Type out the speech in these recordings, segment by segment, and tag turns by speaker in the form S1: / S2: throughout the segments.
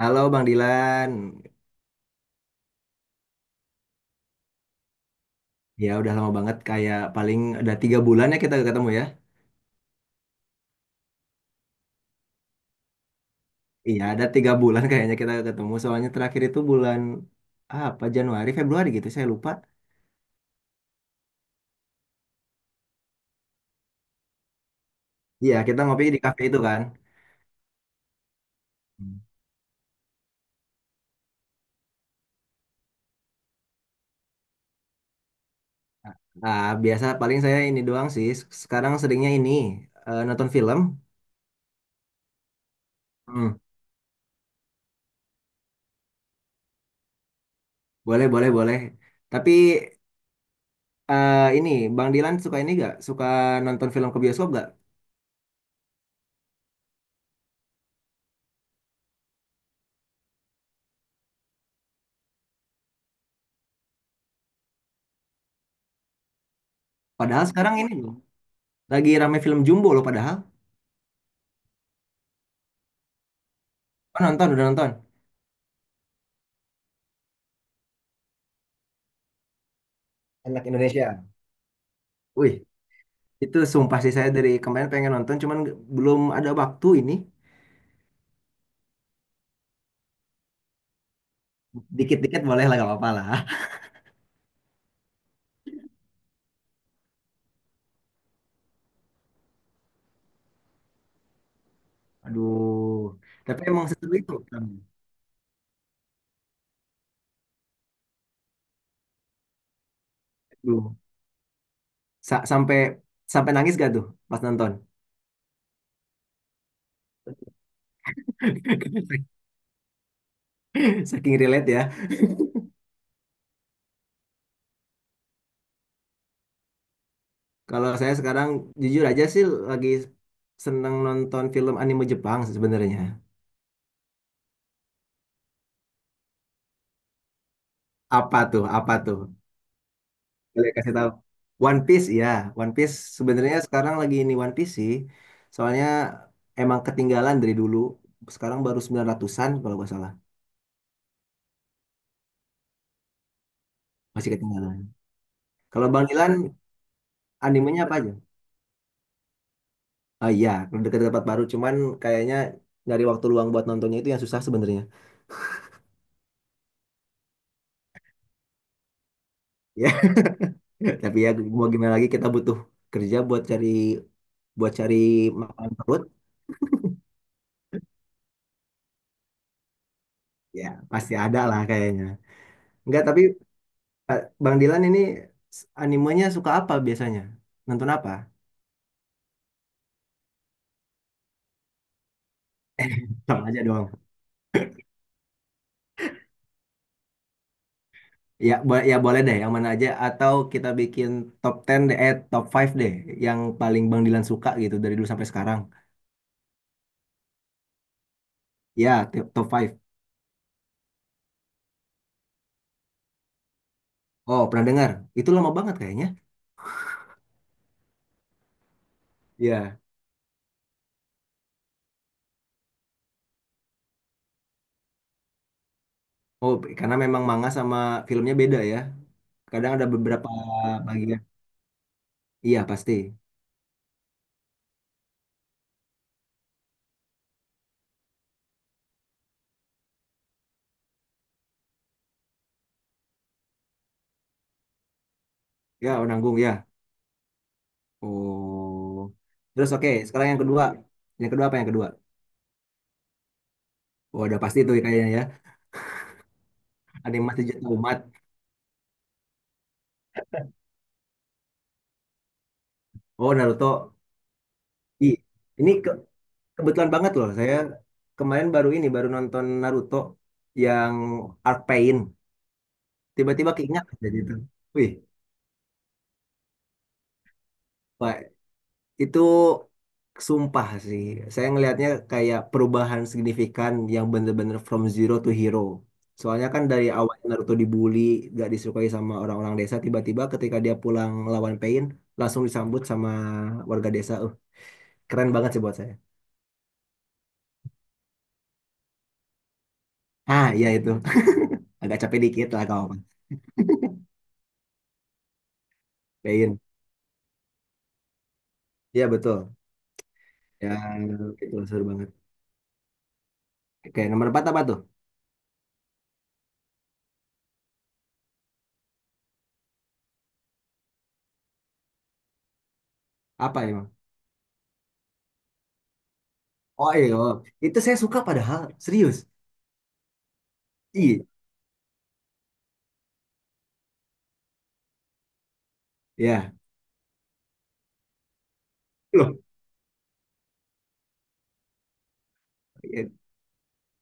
S1: Halo Bang Dilan, ya udah lama banget kayak paling ada 3 bulan ya kita ketemu ya. Iya ada 3 bulan kayaknya kita ketemu soalnya terakhir itu bulan apa Januari Februari gitu saya lupa. Iya kita ngopi di kafe itu kan. Hmm. Nah biasa paling saya ini doang sih. Sekarang seringnya ini nonton film. Hmm, boleh boleh boleh. Tapi ini Bang Dilan suka ini gak? Suka nonton film ke bioskop gak? Padahal sekarang ini loh, lagi rame film Jumbo loh padahal. Oh, nonton udah nonton. Anak Indonesia. Wih, itu sumpah sih saya dari kemarin pengen nonton, cuman belum ada waktu ini. Dikit-dikit boleh lah, gak apa-apa lah. Aduh, tapi emang seseru itu. Aduh, sampai sampai nangis gak tuh pas nonton? Saking relate ya. Kalau saya sekarang jujur aja sih lagi seneng nonton film anime Jepang sebenarnya. Apa tuh? Apa tuh? Boleh kasih tahu. One Piece ya, One Piece sebenarnya sekarang lagi ini One Piece sih. Soalnya emang ketinggalan dari dulu. Sekarang baru 900-an kalau nggak salah. Masih ketinggalan. Kalau Bang Ilan animenya apa aja? Oh iya, dekat-dekat baru cuman kayaknya dari waktu luang buat nontonnya itu yang susah sebenarnya. Ya, tapi ya mau gimana lagi kita butuh kerja buat cari makan perut. Ya, pasti ada lah kayaknya. Enggak, tapi Bang Dilan ini animenya suka apa biasanya? Nonton apa? Sama aja dong. Ya, ya boleh deh yang mana aja atau kita bikin top 10 deh, top 5 deh yang paling Bang Dilan suka gitu dari dulu sampai sekarang. Ya, top 5. Oh, pernah dengar. Itu lama banget kayaknya. Ya. Oh, karena memang manga sama filmnya beda ya. Kadang ada beberapa bagian. Iya, pasti. Ya, oh, nanggung ya. Oh. Terus oke, sekarang yang kedua. Yang kedua apa yang kedua? Oh, udah pasti tuh kayaknya ya. Animasi Jatuh Umat. Oh, Naruto. Ih, ini ke Kebetulan banget loh, saya kemarin baru ini, baru nonton Naruto yang Arc Pain. Tiba-tiba keinget aja gitu. Wih, Pak, itu sumpah sih. Saya ngelihatnya kayak perubahan signifikan yang bener-bener from zero to hero. Soalnya kan dari awal Naruto dibully, gak disukai sama orang-orang desa, tiba-tiba ketika dia pulang lawan Pain, langsung disambut sama warga desa. Keren banget sih buat saya. Ah, iya itu. Agak capek dikit lah kawan. Pain. Iya betul. Ya, itu seru banget. Oke, nomor empat apa tuh? Apa emang? Oh iya, oh. Itu saya suka padahal, serius. Iya, ya. Loh, iya,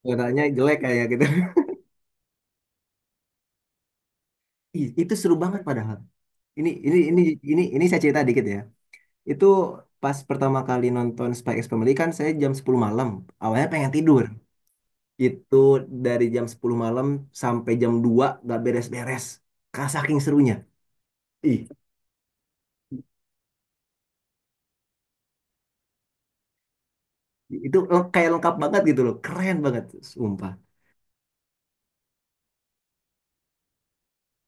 S1: warnanya jelek kayak gitu. Ih, itu seru banget padahal. Ini ini ini ini saya cerita dikit ya. Itu pas pertama kali nonton Spy X Family kan saya jam 10 malam. Awalnya pengen tidur. Itu dari jam 10 malam sampai jam 2 gak beres-beres. Saking serunya. Ih, kayak lengkap banget gitu loh. Keren banget, sumpah.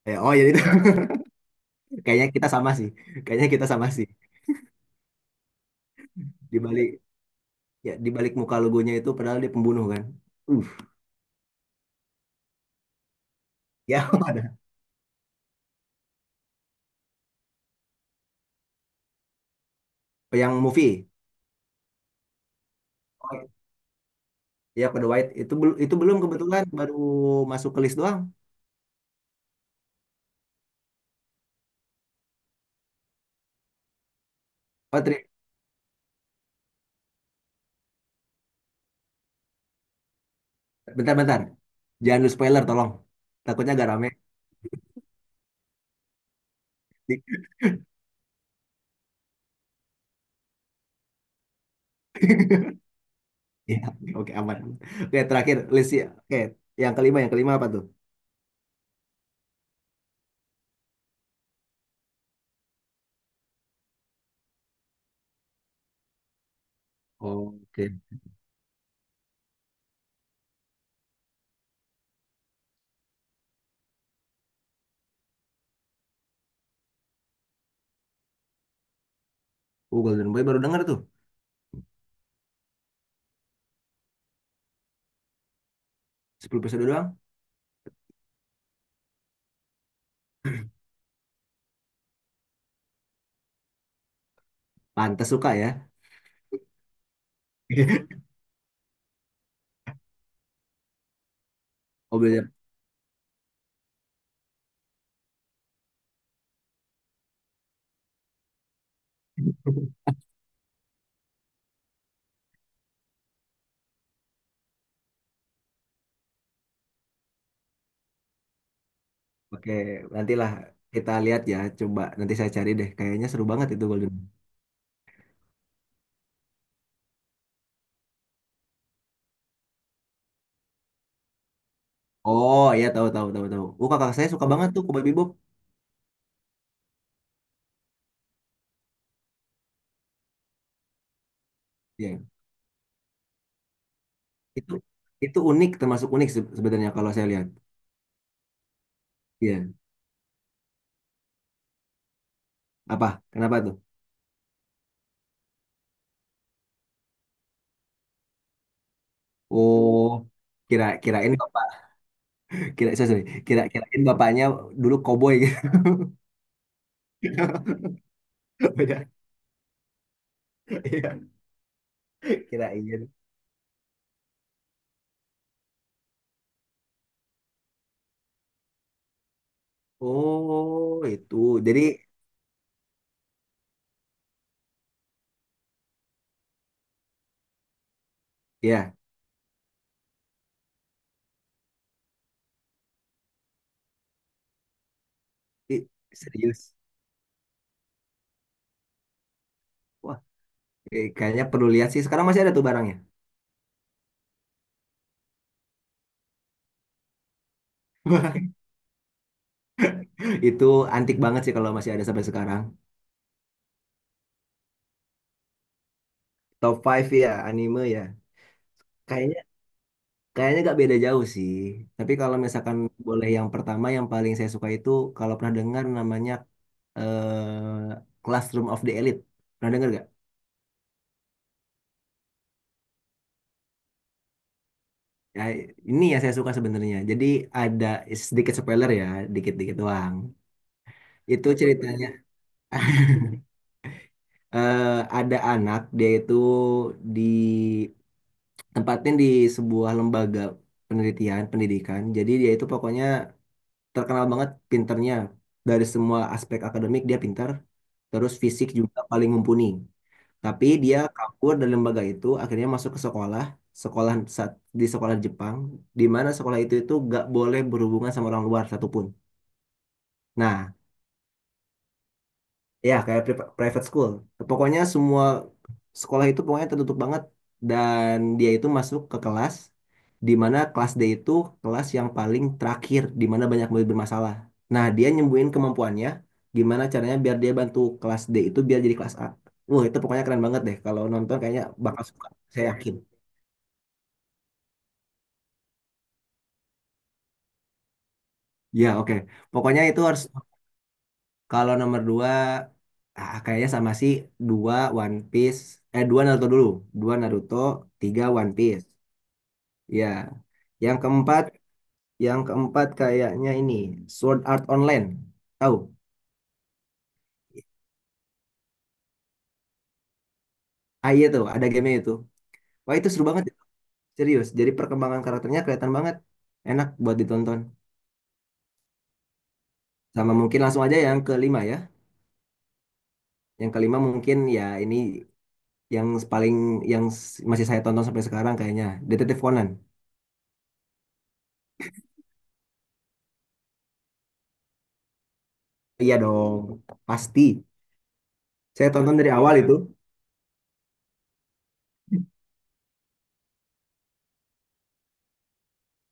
S1: Ya, oh ya. Kayaknya kita sama sih. Kayaknya kita sama sih. Di balik ya di balik muka logonya itu padahal dia pembunuh kan. Uh, ya ada. Yang movie. Oh, ya Kode White itu belum kebetulan baru masuk ke list doang. Oh, tri- bentar-bentar. Jangan lu spoiler tolong. Takutnya agak rame. Ya, oke aman. Oke, terakhir list ya. Oke, yang kelima apa tuh? Oke. Golden Boy baru denger tuh. 10 episode doang. Pantes suka ya. Mobilnya. Oke, nantilah kita lihat ya. Coba nanti saya cari deh. Kayaknya seru banget itu Golden. Oh iya tahu tahu tahu tahu. Oh kakak saya suka banget tuh Cowboy Bebop. Iya. Itu itu unik termasuk unik sebenarnya kalau saya lihat. Iya. Apa? Kenapa tuh? Oh kira kirain bapak. Kira sorry, sorry. Kira kirain bapaknya dulu koboi gitu. Beda. Iya. Kirain. Oh itu. Jadi ya i- serius. Wah kayaknya perlu lihat sih. Sekarang masih ada tuh barangnya. Itu antik banget sih kalau masih ada sampai sekarang. Top five ya, anime ya. Kayaknya kayaknya nggak beda jauh sih. Tapi kalau misalkan boleh yang pertama yang paling saya suka itu kalau pernah dengar namanya eh, Classroom of the Elite. Pernah dengar nggak? Ya, ini yang saya suka sebenarnya. Jadi ada sedikit spoiler ya, dikit-dikit doang. Itu ceritanya eh, ada anak dia itu di tempatin di sebuah lembaga penelitian pendidikan. Jadi dia itu pokoknya terkenal banget pinternya dari semua aspek akademik dia pintar terus fisik juga paling mumpuni tapi dia kabur dari lembaga itu akhirnya masuk ke sekolah sekolah saat- di sekolah Jepang di mana sekolah itu gak boleh berhubungan sama orang luar satupun nah ya, kayak private school. Pokoknya semua sekolah itu pokoknya tertutup banget dan dia itu masuk ke kelas di mana kelas D itu kelas yang paling terakhir di mana banyak murid bermasalah. Nah, dia nyembuhin kemampuannya gimana caranya biar dia bantu kelas D itu biar jadi kelas A. Wah, itu pokoknya keren banget deh. Kalau nonton kayaknya bakal suka. Saya yakin. Ya, oke. Pokoknya itu harus. Kalau nomor dua ah, kayaknya sama sih. Dua One Piece. Eh, dua Naruto dulu. Dua Naruto, tiga One Piece. Ya. Yang keempat, yang keempat kayaknya ini Sword Art Online. Tahu? Ah iya tuh, ada game itu. Wah itu seru banget, serius. Jadi perkembangan karakternya kelihatan banget. Enak buat ditonton. Sama mungkin langsung aja yang kelima ya. Yang kelima mungkin ya ini yang paling yang masih saya tonton sampai sekarang kayaknya Detektif Conan. Iya dong, pasti. Saya tonton dari awal itu.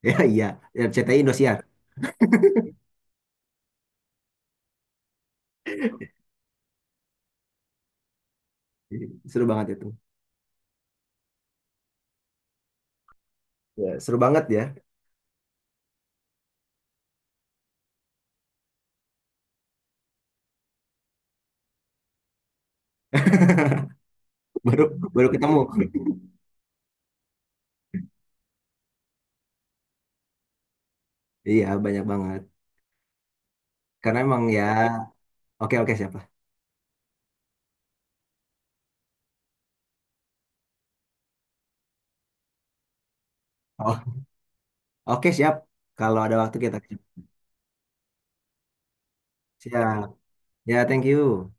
S1: Ya iya, ya, C T I Indosiar. Seru banget itu. Ya, seru banget ya. Baru baru ketemu. Iya, banyak banget. Karena emang ya, oke oke siap lah. Oh, oke siap. Kalau ada waktu kita siap. Ya, thank you.